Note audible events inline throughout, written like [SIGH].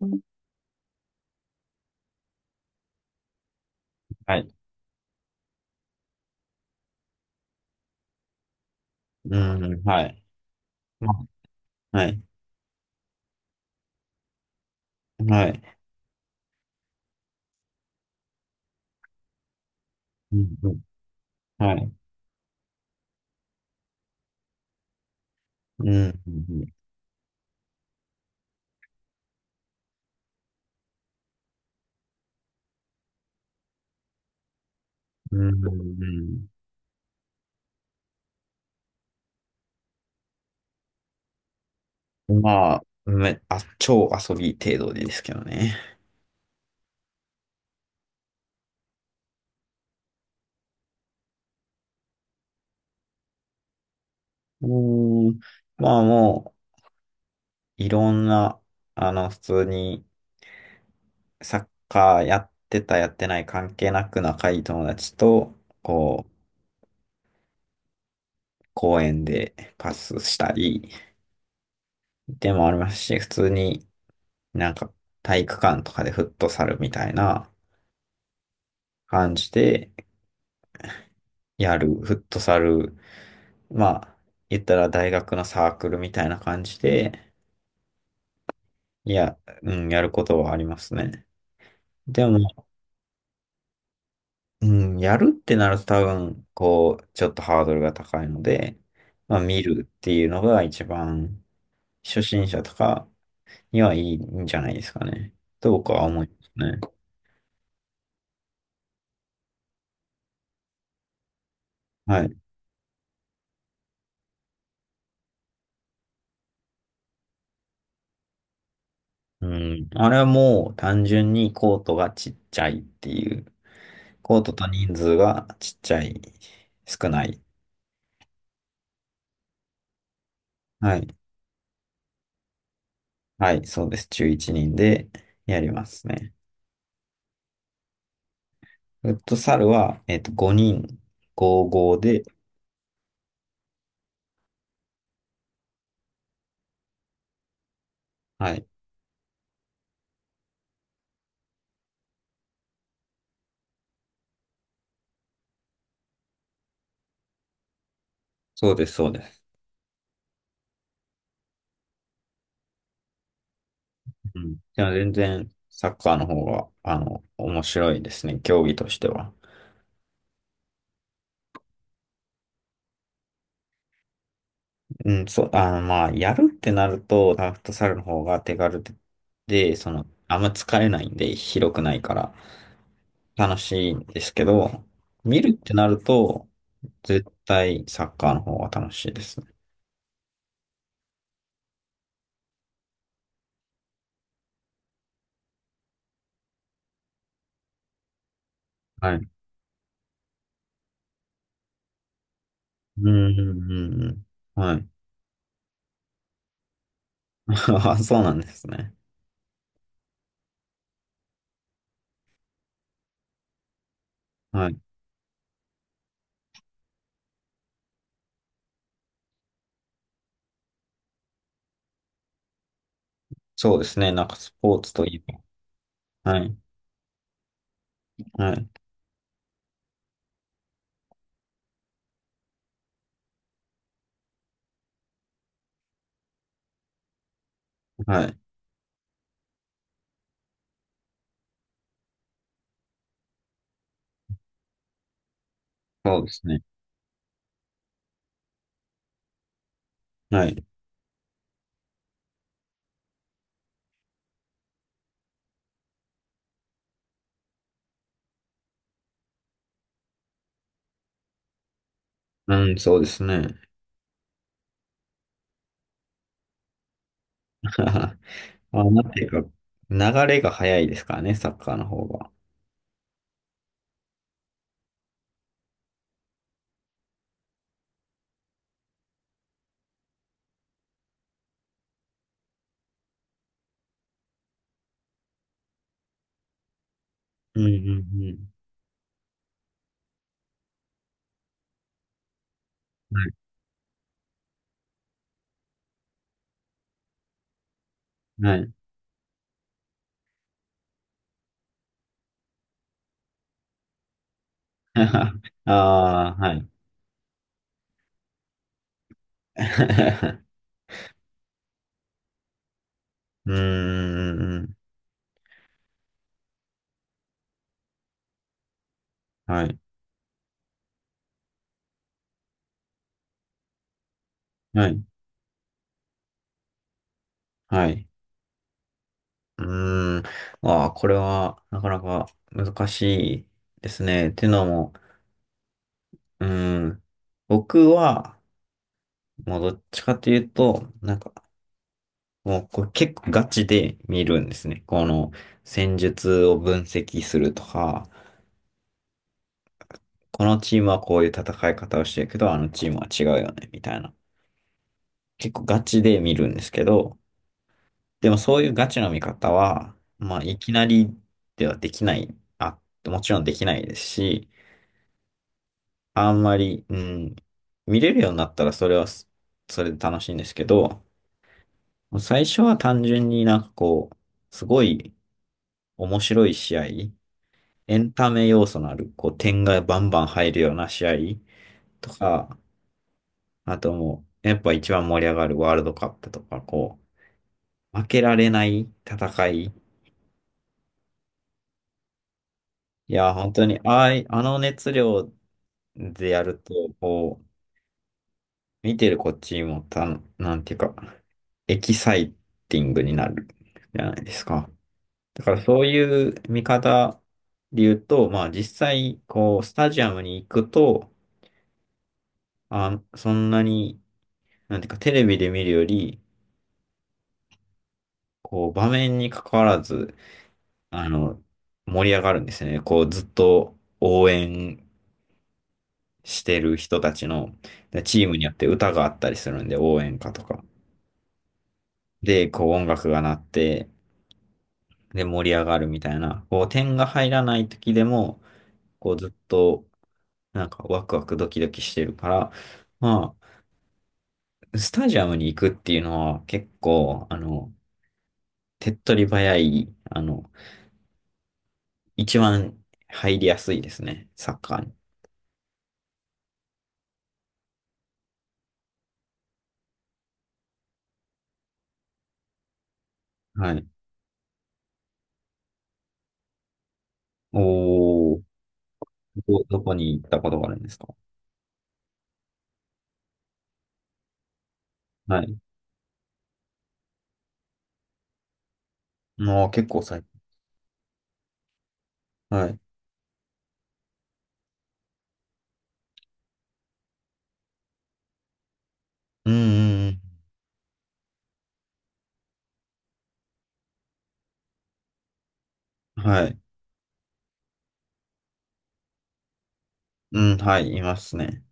はい。うん、はい。まあ、はい。はい。うん、うん、はい。うん、うん、うん。うん、うん、まあ、超遊び程度ですけどね。うーん。まあ、もう、いろんな、あの、普通にサッカーやってた、やってない関係なく仲いい友達と、こう、公園でパスしたりでもありますし、普通になんか体育館とかでフットサルみたいな感じで、やる、フットサル、まあ、言ったら大学のサークルみたいな感じで、いや、うん、やることはありますね。でも、うん、やるってなると多分、こう、ちょっとハードルが高いので、まあ、見るっていうのが一番、初心者とかにはいいんじゃないですかね。と僕は思いますね。はい。うん。あれはもう単純にコートがちっちゃいっていう。コートと人数がちっちゃい、少ない。はい。はい、そうです。中1人でやりますね。フットサルは、えっと、5人、5対5で、はい、そうです、そうです。うん。でも全然、サッカーの方が、あの、面白いですね、競技としては。うん、そう、あの、まあ、やるってなると、フットサルの方が手軽で、でその、あんま疲れないんで、広くないから、楽しいんですけど、見るってなると、絶対サッカーの方が楽しいですね。はい。うん、うん、うん、うん。はい。[LAUGHS] あ、そうなんですね。はい。そうですね。なんかスポーツといえば。はい。はい。はい。そうですね。はい。うん、そうですね。[LAUGHS] あ、なんていうか、流れが早いですからね、サッカーの方が。うん、うん、うん。はい。はい。[LAUGHS] ああ、はい。[LAUGHS] うーん。はい。はい。はい。うーん。ああ、これは、なかなか難しいですね。っていうのも、うーん、僕は、もうどっちかというと、なんか、もうこれ結構ガチで見るんですね。この戦術を分析するとか、このチームはこういう戦い方をしてるけど、あのチームは違うよね、みたいな。結構ガチで見るんですけど、でもそういうガチの見方は、まあ、いきなりではできない。あ、もちろんできないですし、あんまり、うん、見れるようになったらそれはそれで楽しいんですけど、最初は単純になんかこう、すごい面白い試合、エンタメ要素のある、こう、点がバンバン入るような試合とか、あともう、やっぱ一番盛り上がるワールドカップとか、こう、負けられない戦い。いや、本当に、ああい、あの熱量でやると、こう、見てるこっちもた、なんていうか、エキサイティングになるじゃないですか。だからそういう見方で言うと、まあ実際、こう、スタジアムに行くと、あ、そんなに、なんていうか、テレビで見るより、こう、場面に関わらず、あの、盛り上がるんですよね。こう、ずっと応援してる人たちの、でチームによって歌があったりするんで、応援歌とか。で、こう、音楽が鳴って、で、盛り上がるみたいな、こう、点が入らない時でも、こう、ずっと、なんか、ワクワクドキドキしてるから、まあ、スタジアムに行くっていうのは結構、あの、手っ取り早い、あの、一番入りやすいですね、サッカーに。はい。おー、どこに行ったことがあるんですか？はい。もう結構最近。はい。うん、うん、うん。はい。うん、はい、いますね。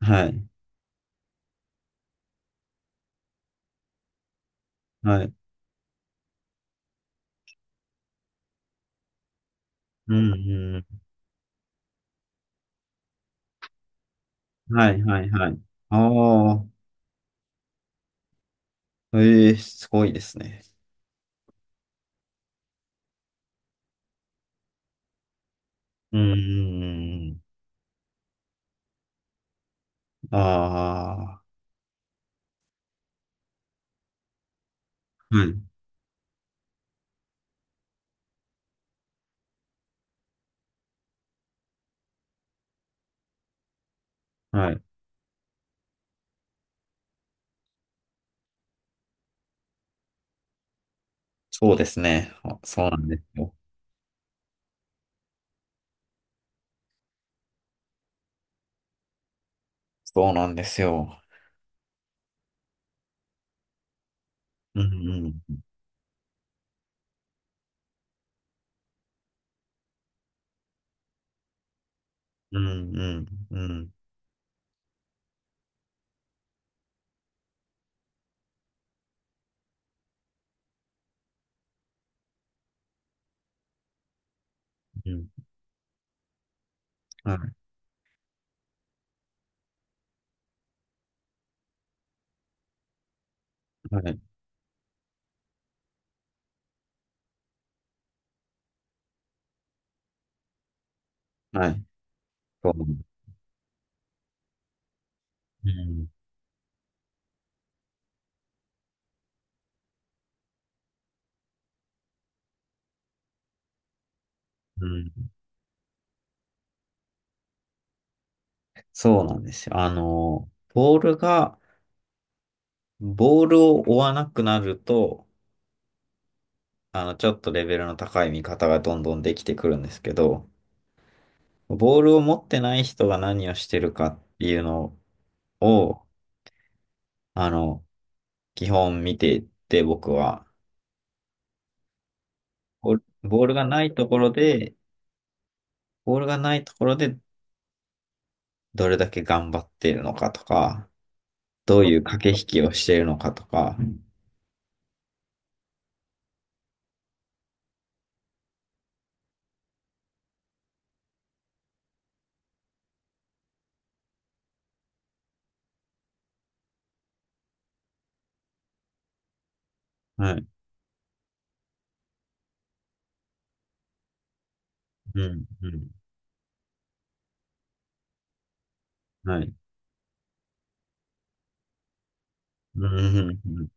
はい。はい。うん、うん。はい、はい、はい。ああ、ええ、すごいですね。うん、うん、うん。ああ、はい、はい。そうですね。あ、そうなんですよ。そうなんですよ。うん、うん。うん、うん、うん、うん。はい。はい。はい。そうなんです。うん、うん。そうなんですよ。あの、ボールを追わなくなると、あの、ちょっとレベルの高い見方がどんどんできてくるんですけど、ボールを持ってない人が何をしてるかっていうのを、あの、基本見ていて、僕は、ボールがないところで、ボールがないところでどれだけ頑張っているのかとか、どういう駆け引きをしているのかとか、はい、うん、うん、はい、うん、うん、うん、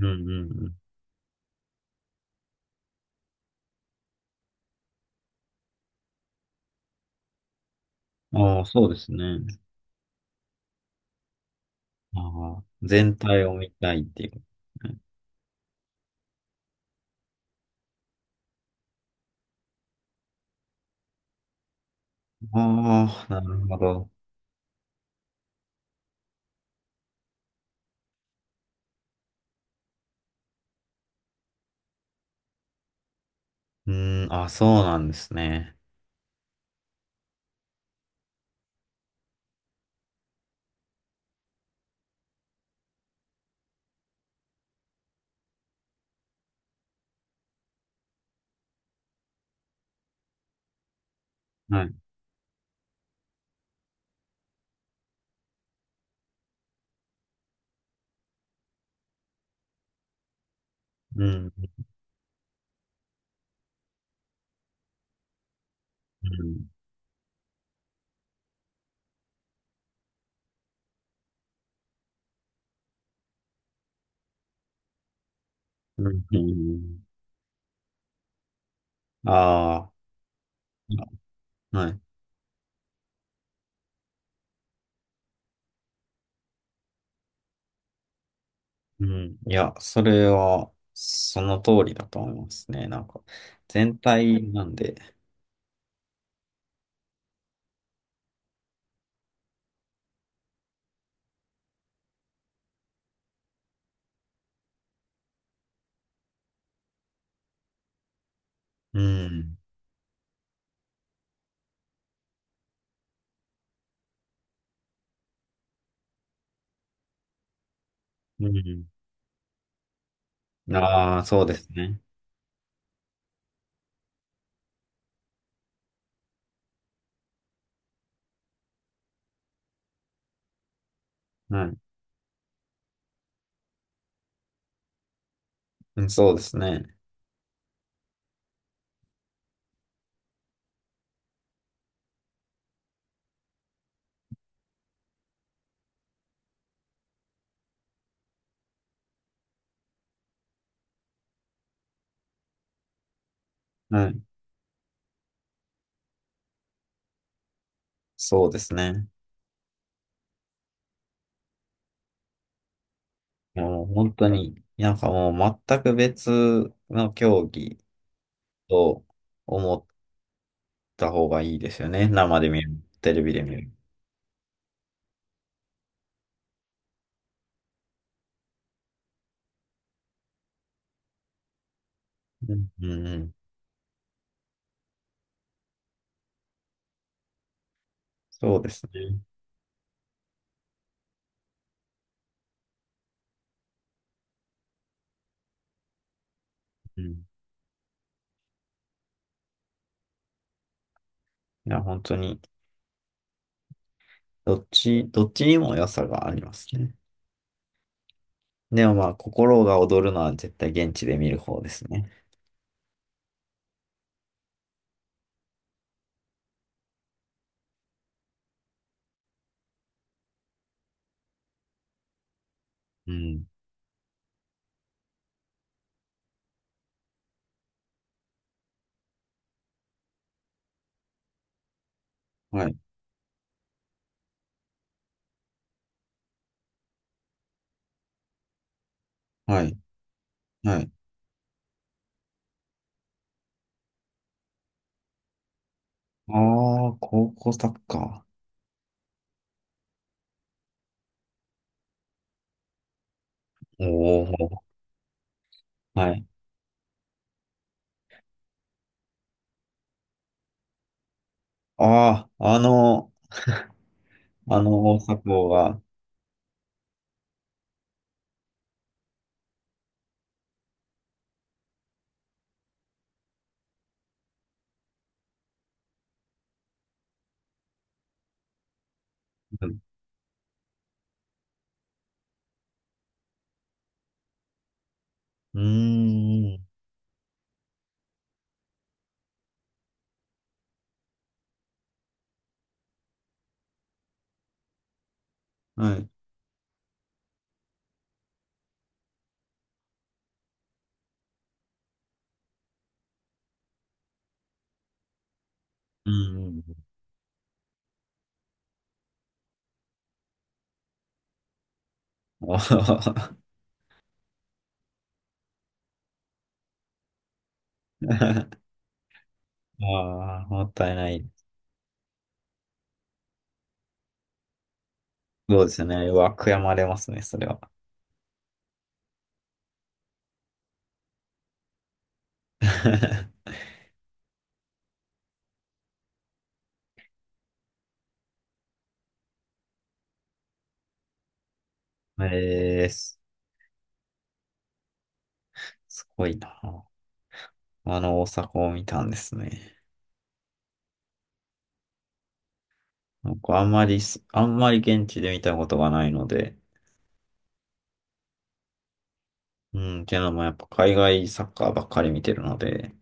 うん、うん、うん。ああ、そうですね。ああ、全体を見たいっていう。ああ、なるほど。うん、あ、そうなんですね。はい。うん、うん、うん、うん。ああ、はい。うん。いや、それは、その通りだと思いますね。なんか、全体なんで、うん。うん。ああ、そうですね。はい。うん、そうですね。はい。そうですね。もう本当に、なんかもう全く別の競技と思った方がいいですよね。生で見る、テレビで見る。うん、うん、うん。そうですね。うん。いや、本当に、どっちにも良さがありますね。でもまあ、心が躍るのは絶対現地で見る方ですね。うん。はい。はい。はい。ああ、高校サッカー。おお、はい。ああ、あの、あの大阪王が、うん、うーん、はい、うん、うん、あ。 [LAUGHS] あー、もったいない。そうですね。うわ、悔やまれますね、それは。[LAUGHS] えー、すごいな。あの大阪を見たんですね。僕あんまりす、あんまり現地で見たことがないので、うん、っていうのもやっぱ海外サッカーばっかり見てるので、